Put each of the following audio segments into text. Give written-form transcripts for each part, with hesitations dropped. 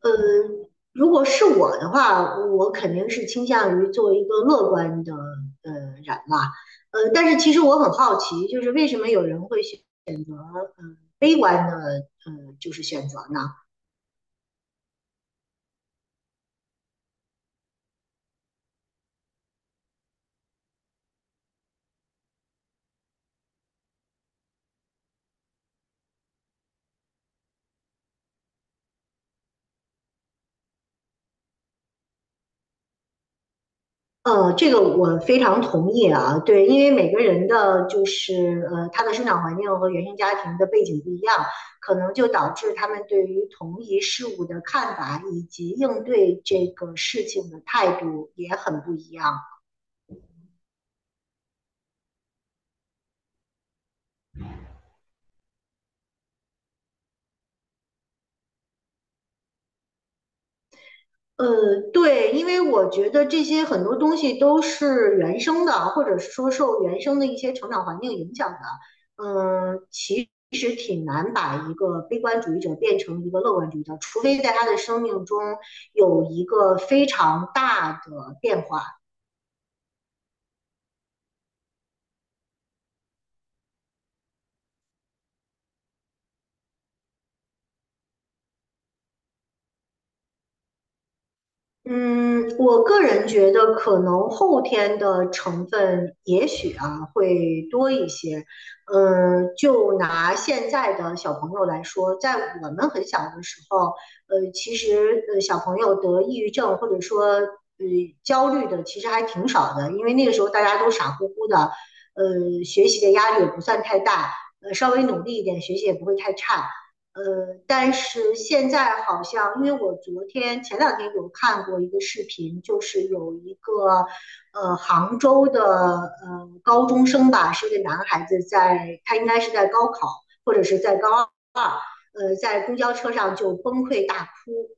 嗯，如果是我的话，我肯定是倾向于做一个乐观的呃人吧。但是其实我很好奇，就是为什么有人会选择悲观的就是选择呢？这个我非常同意啊，对，因为每个人的就是他的生长环境和原生家庭的背景不一样，可能就导致他们对于同一事物的看法以及应对这个事情的态度也很不一样。呃，对，因为我觉得这些很多东西都是原生的啊，或者是说受原生的一些成长环境影响的。嗯，其实挺难把一个悲观主义者变成一个乐观主义者，除非在他的生命中有一个非常大的变化。嗯，我个人觉得可能后天的成分也许啊会多一些。嗯，就拿现在的小朋友来说，在我们很小的时候，其实小朋友得抑郁症或者说焦虑的其实还挺少的，因为那个时候大家都傻乎乎的，学习的压力也不算太大，稍微努力一点，学习也不会太差。但是现在好像，因为我昨天前两天有看过一个视频，就是有一个杭州的高中生吧，是一个男孩子在，他应该是在高考或者是在高二，在公交车上就崩溃大哭。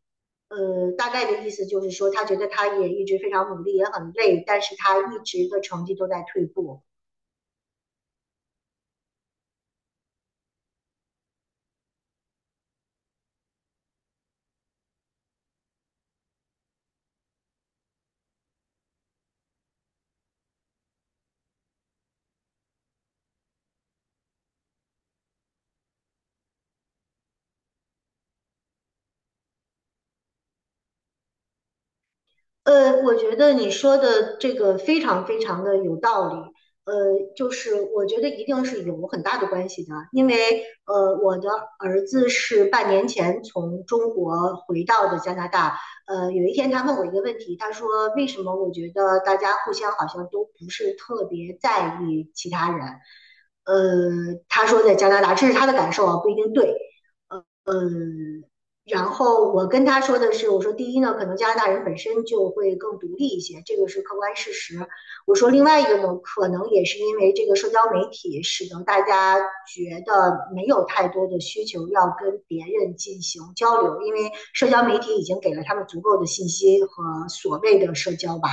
大概的意思就是说，他觉得他也一直非常努力，也很累，但是他一直的成绩都在退步。我觉得你说的这个非常非常的有道理。呃，就是我觉得一定是有很大的关系的，因为我的儿子是半年前从中国回到的加拿大。有一天他问我一个问题，他说为什么我觉得大家互相好像都不是特别在意其他人？他说在加拿大，这是他的感受啊，不一定对。然后我跟他说的是，我说第一呢，可能加拿大人本身就会更独立一些，这个是客观事实。我说另外一个呢，可能也是因为这个社交媒体使得大家觉得没有太多的需求要跟别人进行交流，因为社交媒体已经给了他们足够的信息和所谓的社交吧。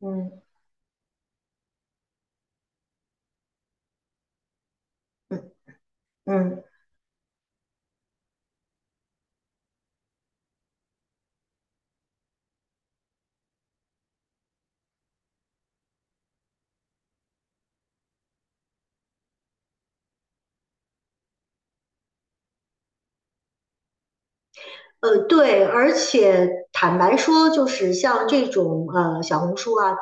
嗯嗯嗯。对，而且坦白说，就是像这种小红书啊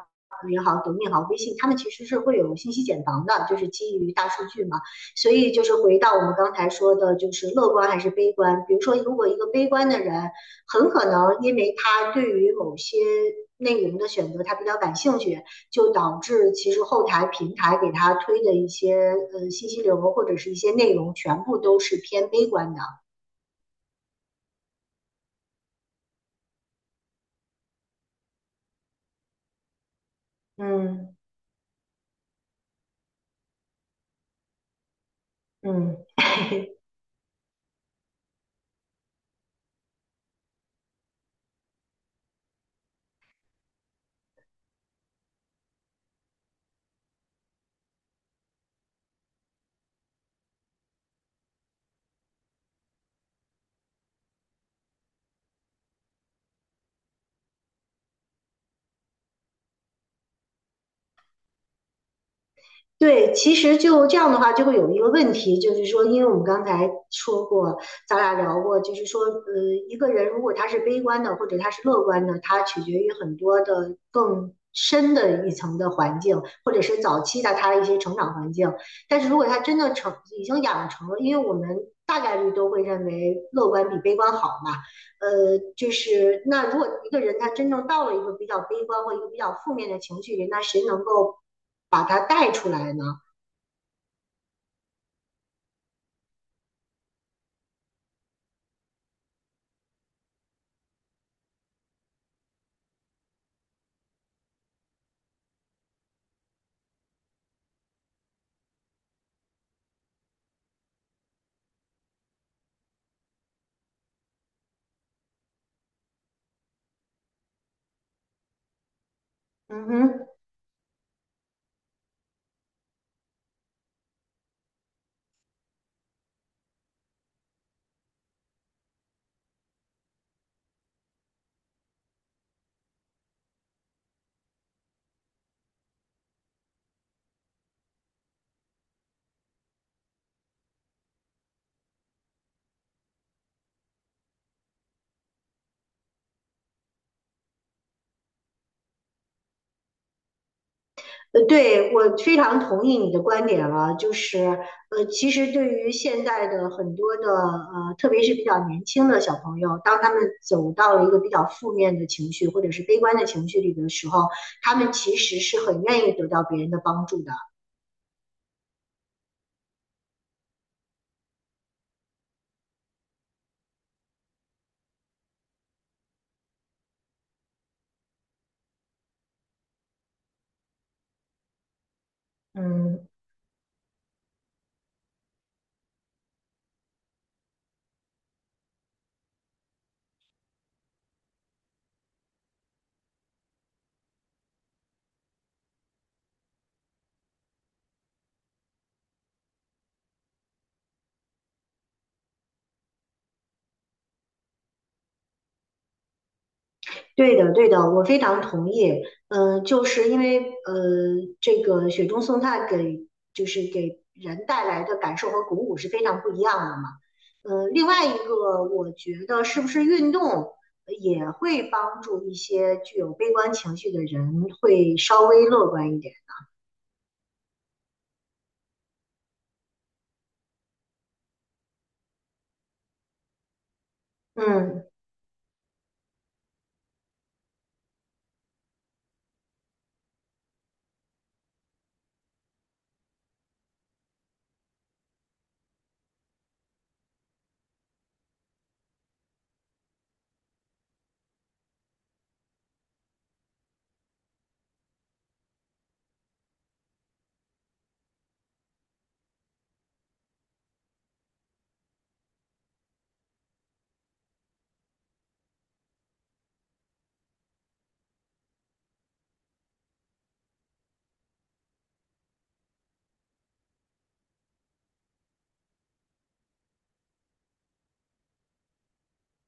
也好，抖音也好，微信，他们其实是会有信息茧房的，就是基于大数据嘛。所以就是回到我们刚才说的，就是乐观还是悲观。比如说，如果一个悲观的人，很可能因为他对于某些内容的选择他比较感兴趣，就导致其实后台平台给他推的一些信息流或者是一些内容，全部都是偏悲观的。嗯嗯。对，其实就这样的话，就会有一个问题，就是说，因为我们刚才说过，咱俩聊过，就是说，一个人如果他是悲观的，或者他是乐观的，他取决于很多的更深的一层的环境，或者是早期的他的一些成长环境。但是如果他真的成已经养成了，因为我们大概率都会认为乐观比悲观好嘛，就是那如果一个人他真正到了一个比较悲观或一个比较负面的情绪里，那谁能够把他带出来呢？嗯哼。对，我非常同意你的观点了，就是其实对于现在的很多的特别是比较年轻的小朋友，当他们走到了一个比较负面的情绪或者是悲观的情绪里的时候，他们其实是很愿意得到别人的帮助的。嗯，对的，对的，我非常同意。嗯，就是因为这个雪中送炭给就是给人带来的感受和鼓舞是非常不一样的嘛。另外一个，我觉得是不是运动也会帮助一些具有悲观情绪的人会稍微乐观一点？嗯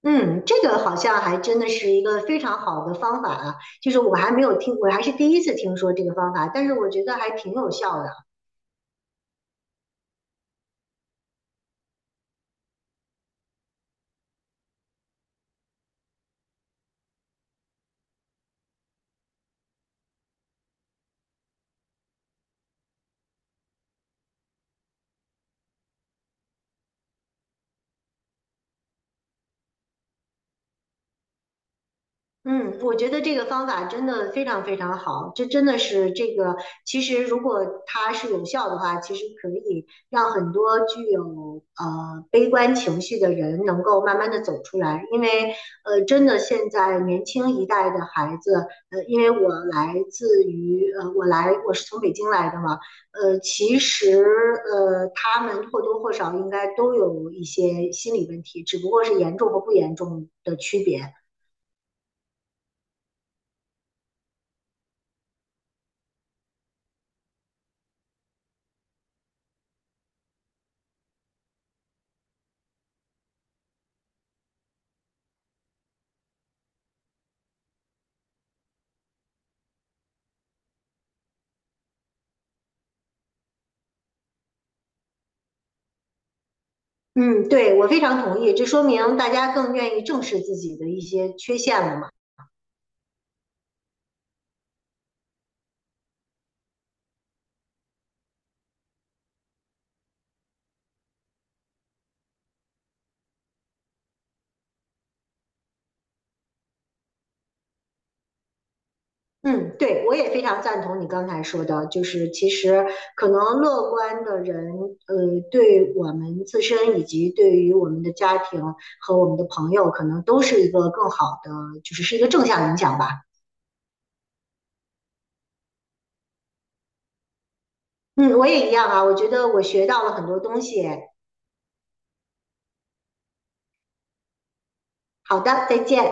嗯，这个好像还真的是一个非常好的方法啊。就是我还没有听，我还是第一次听说这个方法，但是我觉得还挺有效的。嗯，我觉得这个方法真的非常非常好，这真的是这个，其实如果它是有效的话，其实可以让很多具有悲观情绪的人能够慢慢的走出来，因为真的现在年轻一代的孩子，因为我来自于我来我是从北京来的嘛，其实他们或多或少应该都有一些心理问题，只不过是严重和不严重的区别。嗯，对，我非常同意，这说明大家更愿意正视自己的一些缺陷了嘛。嗯，对，我也非常赞同你刚才说的，就是其实可能乐观的人，对我们自身以及对于我们的家庭和我们的朋友，可能都是一个更好的，就是是一个正向影响吧。嗯，我也一样啊，我觉得我学到了很多东西。好的，再见。